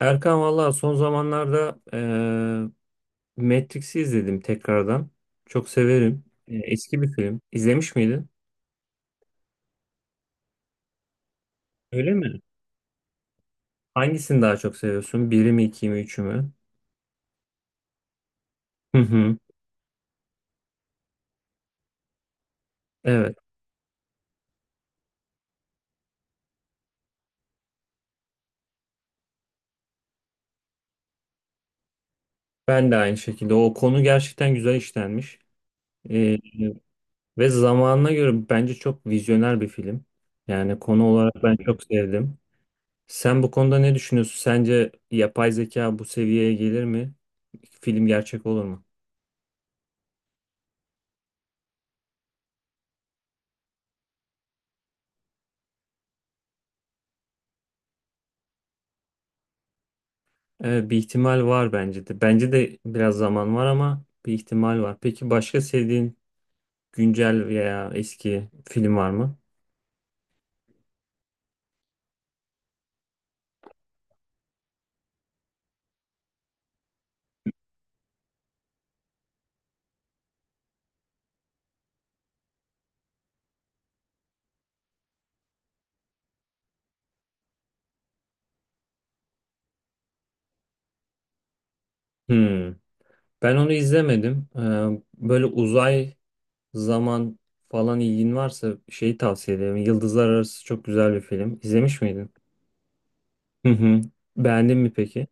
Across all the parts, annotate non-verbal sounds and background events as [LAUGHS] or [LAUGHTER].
Erkan valla son zamanlarda Matrix'i izledim tekrardan. Çok severim. Eski bir film. İzlemiş miydin? Öyle mi? Hangisini daha çok seviyorsun? Biri mi, iki mi, üçü mü? Hı hı. Evet. Ben de aynı şekilde. O konu gerçekten güzel işlenmiş. E, Ve zamanına göre bence çok vizyoner bir film. Yani konu olarak ben çok sevdim. Sen bu konuda ne düşünüyorsun? Sence yapay zeka bu seviyeye gelir mi? Film gerçek olur mu? Bir ihtimal var bence de. Bence de biraz zaman var ama bir ihtimal var. Peki başka sevdiğin güncel veya eski film var mı? Hmm. Ben onu izlemedim. Böyle uzay, zaman falan ilgin varsa şeyi tavsiye ederim. Yıldızlar Arası çok güzel bir film. İzlemiş miydin? Hı hı. Beğendin mi peki?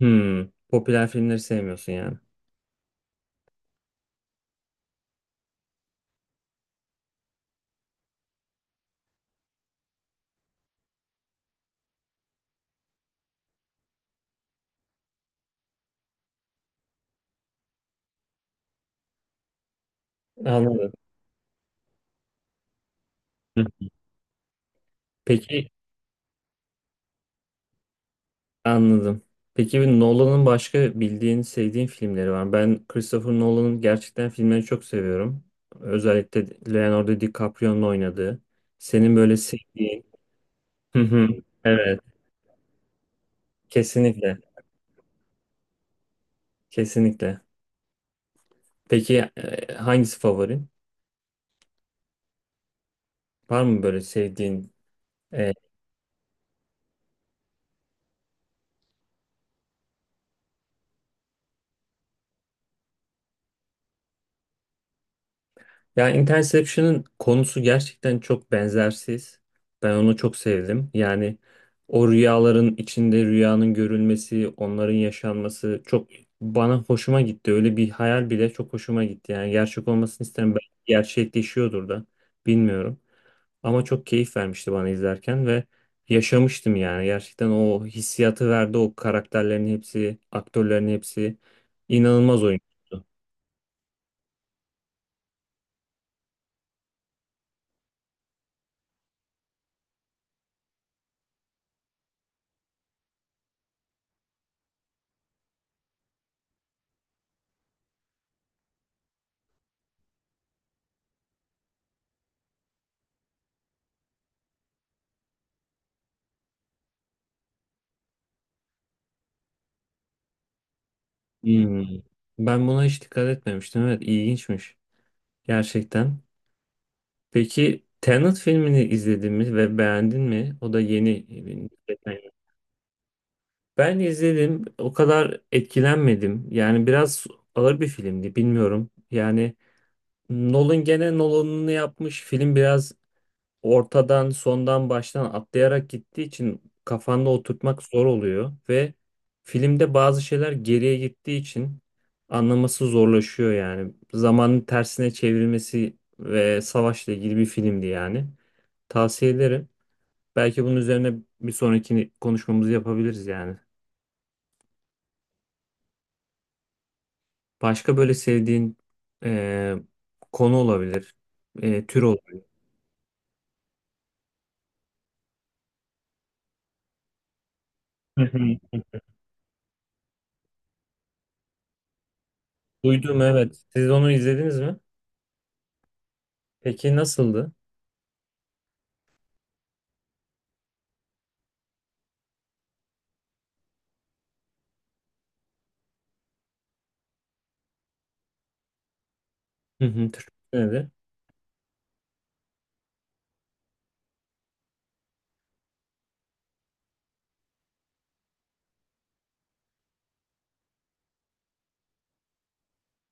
Hmm. Popüler filmleri sevmiyorsun yani. Anladım. Hı. Peki, anladım. Peki bir Nolan'ın başka bildiğin, sevdiğin filmleri var mı? Ben Christopher Nolan'ın gerçekten filmlerini çok seviyorum. Özellikle Leonardo DiCaprio'nun oynadığı. Senin böyle sevdiğin. Hı hı. Evet, kesinlikle. Kesinlikle. Peki hangisi favorin? Var mı böyle sevdiğin e, ya Interception'ın konusu gerçekten çok benzersiz. Ben onu çok sevdim. Yani o rüyaların içinde rüyanın görülmesi, onların yaşanması çok bana hoşuma gitti. Öyle bir hayal bile çok hoşuma gitti. Yani gerçek olmasını isterim. Belki gerçekleşiyordur da bilmiyorum. Ama çok keyif vermişti bana izlerken ve yaşamıştım yani. Gerçekten o hissiyatı verdi o karakterlerin hepsi, aktörlerin hepsi inanılmaz oyun. Hmm. Ben buna hiç dikkat etmemiştim. Evet, ilginçmiş. Gerçekten. Peki Tenet filmini izledin mi ve beğendin mi? O da yeni. Ben izledim. O kadar etkilenmedim. Yani biraz ağır bir filmdi. Bilmiyorum. Yani Nolan gene Nolan'ını yapmış. Film biraz ortadan sondan baştan atlayarak gittiği için kafanda oturtmak zor oluyor ve filmde bazı şeyler geriye gittiği için anlaması zorlaşıyor yani. Zamanın tersine çevrilmesi ve savaşla ilgili bir filmdi yani. Tavsiye ederim. Belki bunun üzerine bir sonraki konuşmamızı yapabiliriz yani. Başka böyle sevdiğin e, konu olabilir, tür olabilir. Hı hı. Duydum evet. Siz onu izlediniz mi? Peki nasıldı? Hı hı. Türkçesi nedir?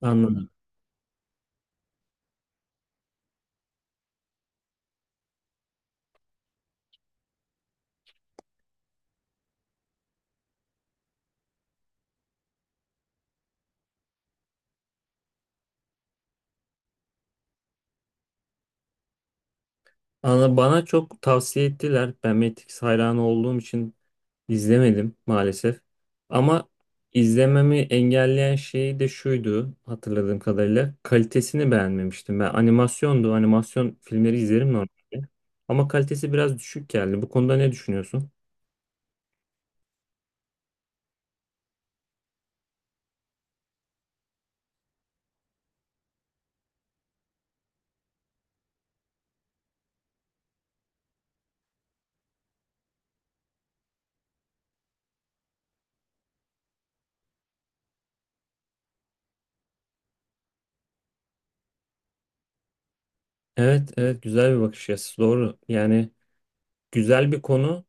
Anladım. Bana çok tavsiye ettiler. Ben Matrix hayranı olduğum için izlemedim maalesef. Ama izlememi engelleyen şey de şuydu hatırladığım kadarıyla. Kalitesini beğenmemiştim. Ben animasyondu. Animasyon filmleri izlerim normalde. Ama kalitesi biraz düşük geldi. Bu konuda ne düşünüyorsun? Evet, evet güzel bir bakış açısı. Doğru. Yani güzel bir konu.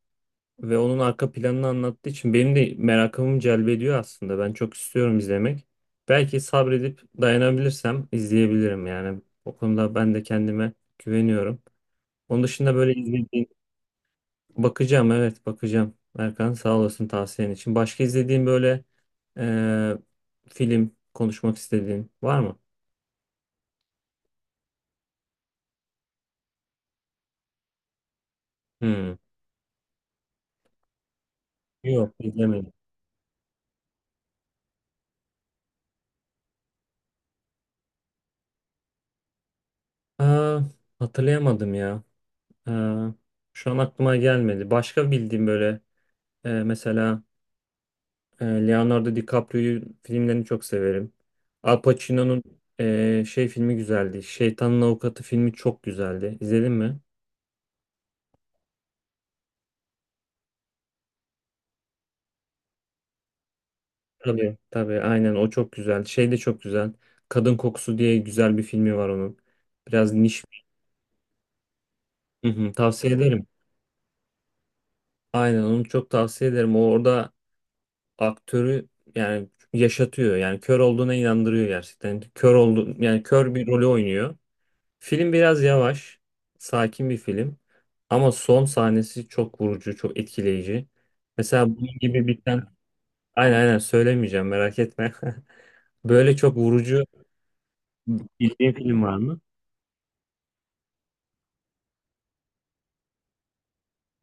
Ve onun arka planını anlattığı için benim de merakımı celbediyor aslında. Ben çok istiyorum izlemek. Belki sabredip dayanabilirsem izleyebilirim yani. O konuda ben de kendime güveniyorum. Onun dışında böyle izlediğim bakacağım, evet bakacağım. Erkan sağ olasın tavsiyen için. Başka izlediğin böyle eee, film konuşmak istediğin var mı? Hmm. Yok izlemedim. Aa, hatırlayamadım ya. Aa, şu an aklıma gelmedi. Başka bildiğim böyle mesela Leonardo DiCaprio'yu filmlerini çok severim. Al Pacino'nun şey filmi güzeldi. Şeytanın Avukatı filmi çok güzeldi. İzledin mi? Tabii. Tabii aynen o çok güzel. Şey de çok güzel. Kadın Kokusu diye güzel bir filmi var onun. Biraz niş. Hı hı, tavsiye ederim. Aynen onu çok tavsiye ederim. O orada aktörü yani yaşatıyor. Yani kör olduğuna inandırıyor gerçekten. Kör oldu yani kör bir rolü oynuyor. Film biraz yavaş, sakin bir film ama son sahnesi çok vurucu, çok etkileyici. Mesela bunun gibi biten, aynen aynen söylemeyeceğim merak etme. [LAUGHS] Böyle çok vurucu bildiğin film var mı?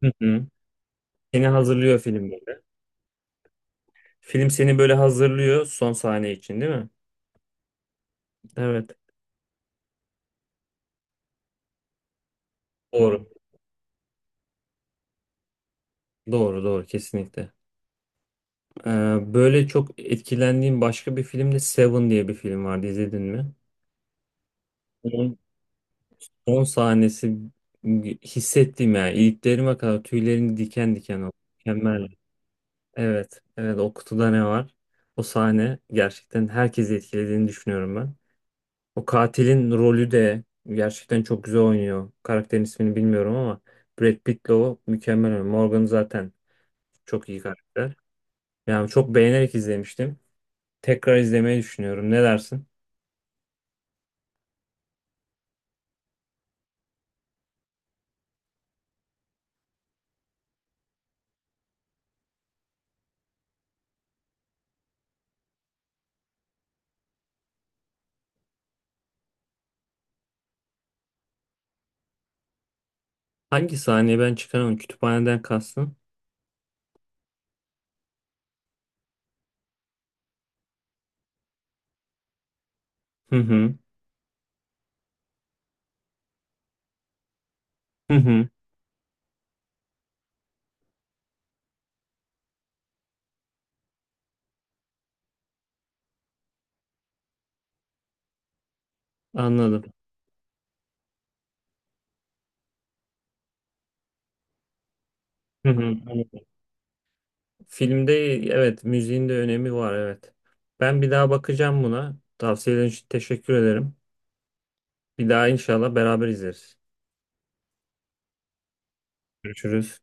Hı hı. Seni hazırlıyor film böyle. Film seni böyle hazırlıyor son sahne için değil mi? Evet. Doğru. Doğru doğru kesinlikle. Böyle çok etkilendiğim başka bir film de Seven diye bir film vardı izledin mi? Son sahnesi hissettim yani. İliklerime kadar tüylerim diken diken oldu. Mükemmel. Evet. Evet o kutuda ne var? O sahne gerçekten herkesi etkilediğini düşünüyorum ben. O katilin rolü de gerçekten çok güzel oynuyor. Karakterin ismini bilmiyorum ama Brad Pitt'le o mükemmel oynuyor. Morgan zaten çok iyi karakter. Yani çok beğenerek izlemiştim. Tekrar izlemeyi düşünüyorum. Ne dersin? Hangi sahneye ben çıkaramadım? Kütüphaneden kastın? Hı hı. Hı hı. Anladım. Hı hı. Filmde evet müziğin de önemi var evet. Ben bir daha bakacağım buna. Tavsiyelerin için teşekkür ederim. Bir daha inşallah beraber izleriz. Görüşürüz.